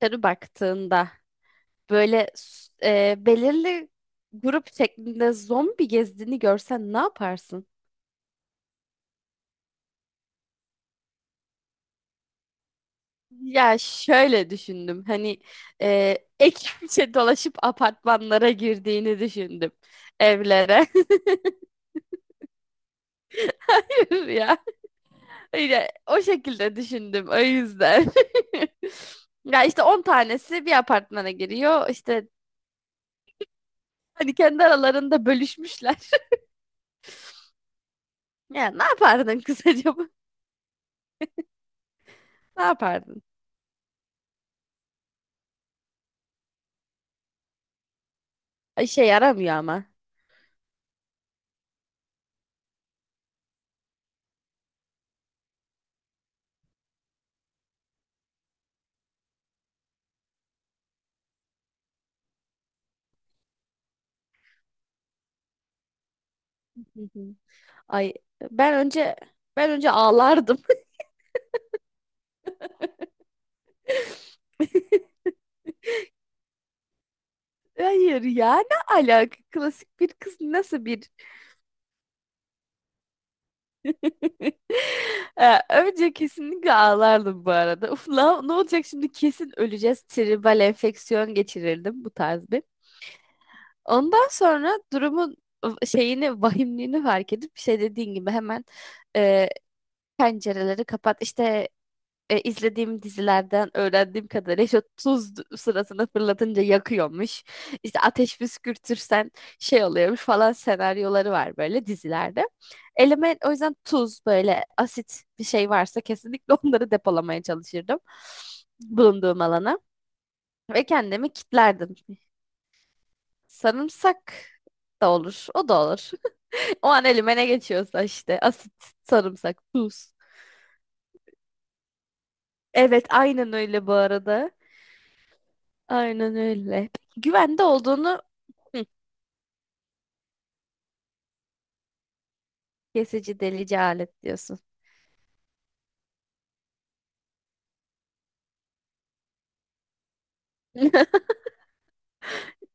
Dışarı baktığında böyle belirli grup şeklinde zombi gezdiğini görsen ne yaparsın? Ya şöyle düşündüm hani, ekipçe dolaşıp apartmanlara girdiğini düşündüm, evlere. Ya öyle o şekilde düşündüm, o yüzden. Ya işte 10 tanesi bir apartmana giriyor işte, hani kendi aralarında bölüşmüşler. Ya ne yapardın kısaca bu? Ne yapardın? Ay, şey yaramıyor ama. Hı hı. Ay, ben önce ben önce ağlardım. Hayır ya, ne alaka klasik bir kız, nasıl bir? Önce kesinlikle ağlardım bu arada. Uf la, ne olacak şimdi, kesin öleceğiz. Tribal enfeksiyon geçirirdim bu tarz bir. Ondan sonra durumun şeyini, vahimliğini fark edip şey, dediğin gibi hemen e, pencereleri kapat. İşte izlediğim dizilerden öğrendiğim kadarıyla işte tuz sırasına fırlatınca yakıyormuş. İşte ateş püskürtürsen şey oluyormuş falan, senaryoları var böyle dizilerde. Elime o yüzden tuz, böyle asit bir şey varsa kesinlikle onları depolamaya çalışırdım, bulunduğum alana, ve kendimi kilitlerdim. Sarımsak da olur, o da olur. O an elime ne geçiyorsa işte: asit, sarımsak, tuz. Evet, aynen öyle bu arada. Aynen öyle. Peki, güvende olduğunu. Hı, kesici delici alet diyorsun.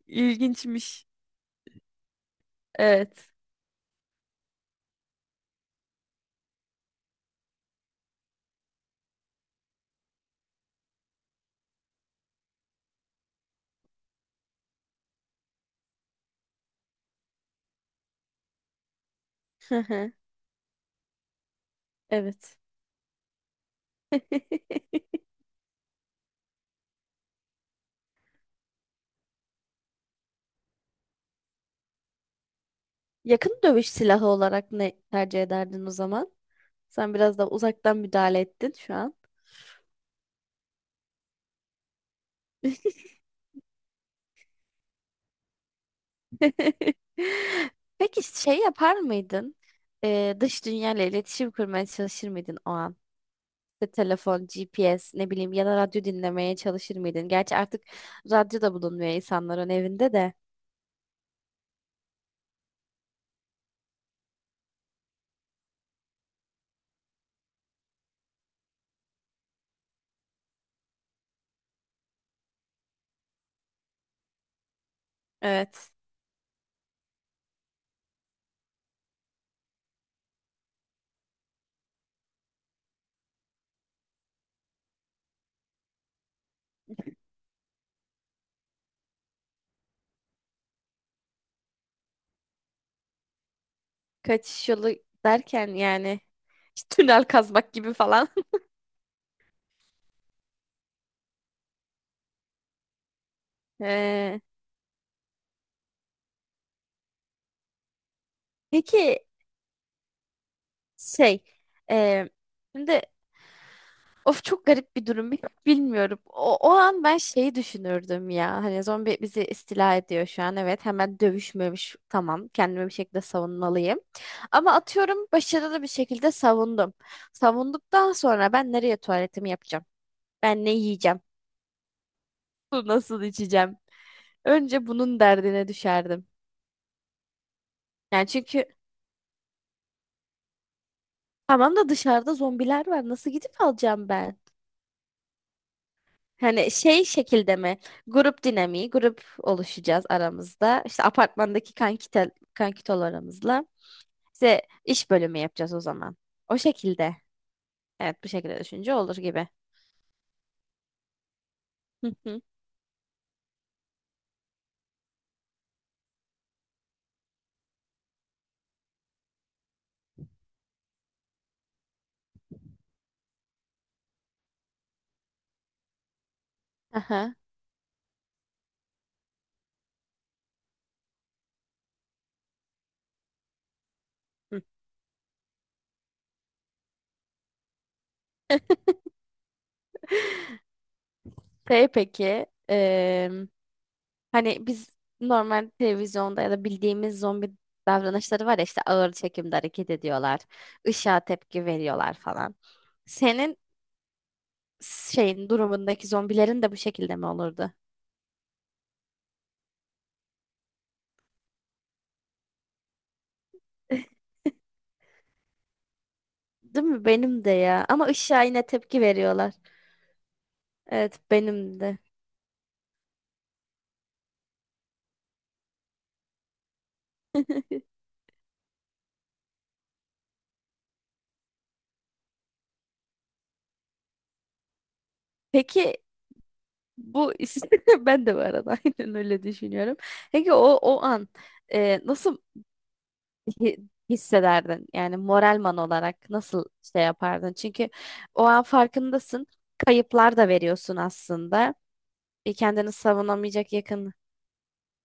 İlginçmiş. Evet. Hı hı. Evet. Yakın dövüş silahı olarak ne tercih ederdin o zaman? Sen biraz da uzaktan müdahale ettin şu an. Peki şey yapar mıydın? Dış dünyayla iletişim kurmaya çalışır mıydın o an? İşte telefon, GPS, ne bileyim, ya da radyo dinlemeye çalışır mıydın? Gerçi artık radyo da bulunmuyor insanların evinde de. Evet. Kaçış yolu derken yani işte tünel kazmak gibi falan. Ee, peki şey, e, şimdi of, çok garip bir durum. Bilmiyorum. O, o an ben şeyi düşünürdüm ya. Hani zombi bizi istila ediyor şu an. Evet, hemen dövüşmemiş. Tamam. Kendimi bir şekilde savunmalıyım. Ama atıyorum, başarılı bir şekilde savundum. Savunduktan sonra ben nereye tuvaletimi yapacağım? Ben ne yiyeceğim? Su nasıl içeceğim? Önce bunun derdine düşerdim. Yani çünkü tamam da dışarıda zombiler var. Nasıl gidip alacağım ben? Hani şey şekilde mi? Grup dinamiği, grup oluşacağız aramızda. İşte apartmandaki kankitel, kankitolarımızla. İşte iş bölümü yapacağız o zaman. O şekilde. Evet, bu şekilde düşünce olur gibi. Hı hı. Aha. Hı. Şey peki, hani biz normal televizyonda ya da bildiğimiz zombi davranışları var ya, işte ağır çekimde hareket ediyorlar, ışığa tepki veriyorlar falan. Senin şeyin durumundaki zombilerin de bu şekilde mi olurdu? Değil mi? Benim de ya. Ama ışığa yine tepki veriyorlar. Evet, benim de. Peki bu ben de bu arada aynen öyle düşünüyorum. Peki o an, nasıl hissederdin? Yani moralman olarak nasıl şey yapardın? Çünkü o an farkındasın. Kayıplar da veriyorsun aslında. E, kendini savunamayacak yakın.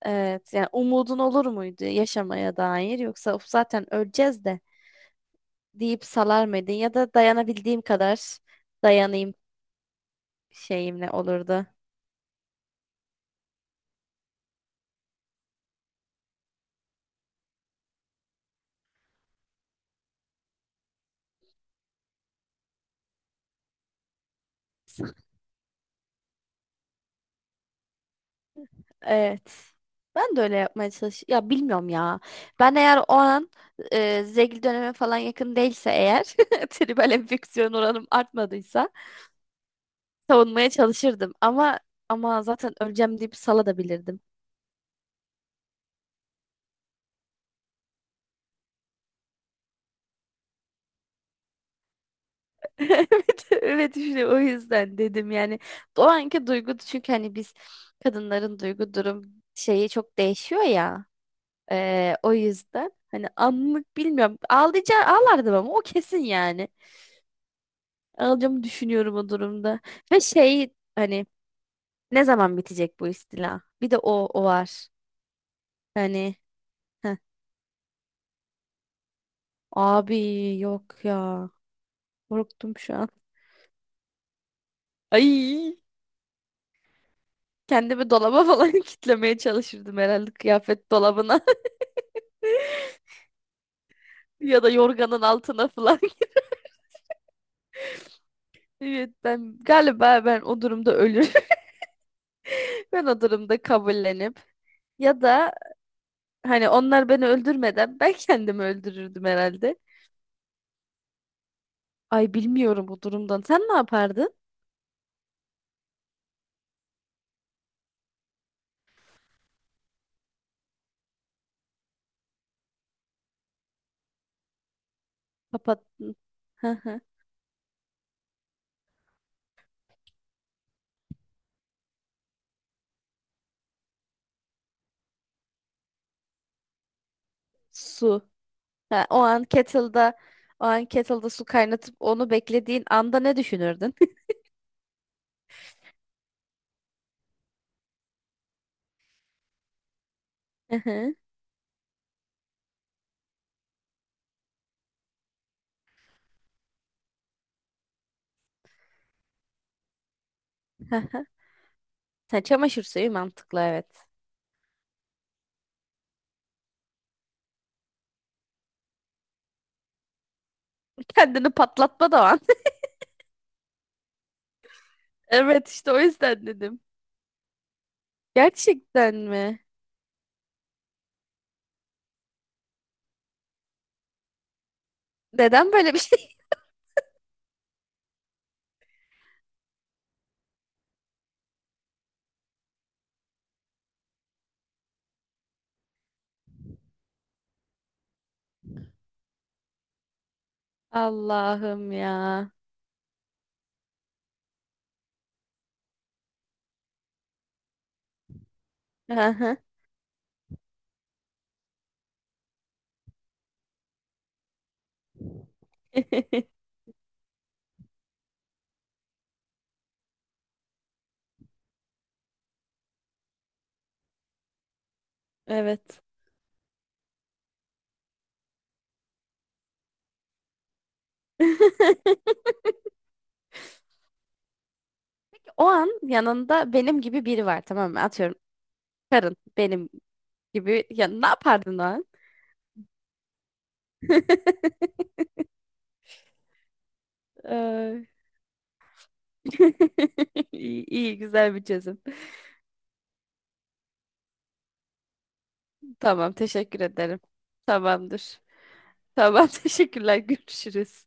Evet, yani umudun olur muydu yaşamaya dair, yoksa "Of, zaten öleceğiz de" deyip salar mıydın, ya da dayanabildiğim kadar dayanayım şeyimle olurdu. Evet. Ben de öyle yapmaya çalış. Ya bilmiyorum ya. Ben eğer o an zegil döneme falan yakın değilse eğer, tribal enfeksiyon oranım artmadıysa savunmaya çalışırdım. Ama zaten öleceğim deyip sala da. Evet, işte o yüzden dedim yani. O anki duygu, çünkü hani biz kadınların duygu durum şeyi çok değişiyor ya. E, o yüzden hani anlık bilmiyorum. Ağlayacağım, ağlardım, ama o kesin yani. Alacağımı düşünüyorum o durumda. Ve şey, hani ne zaman bitecek bu istila? Bir de o, o var. Hani, heh. Abi, yok ya. Korktum şu an. Ay, kendimi dolaba falan kitlemeye çalışırdım herhalde, kıyafet dolabına, ya da yorganın altına falan. Evet, ben galiba, ben o durumda ölürüm. Ben o durumda kabullenip, ya da hani onlar beni öldürmeden ben kendimi öldürürdüm herhalde. Ay, bilmiyorum bu durumdan. Sen ne yapardın? Kapattın. Hı hı. Su. Ha, o an kettle'da su kaynatıp onu beklediğin anda ne düşünürdün? Hı hı. Hı hı. Sen çamaşır suyu, mantıklı, evet. Kendini patlatma da o an. Evet, işte o yüzden dedim. Gerçekten mi? Neden böyle bir şey? Allah'ım ya. Hı hı. Evet. O an yanında benim gibi biri var, tamam mı? Atıyorum karın benim gibi. Ya ne yapardın o an? Ay. İyi, iyi, güzel bir çözüm. Tamam, teşekkür ederim. Tamamdır. Tamam, teşekkürler, görüşürüz.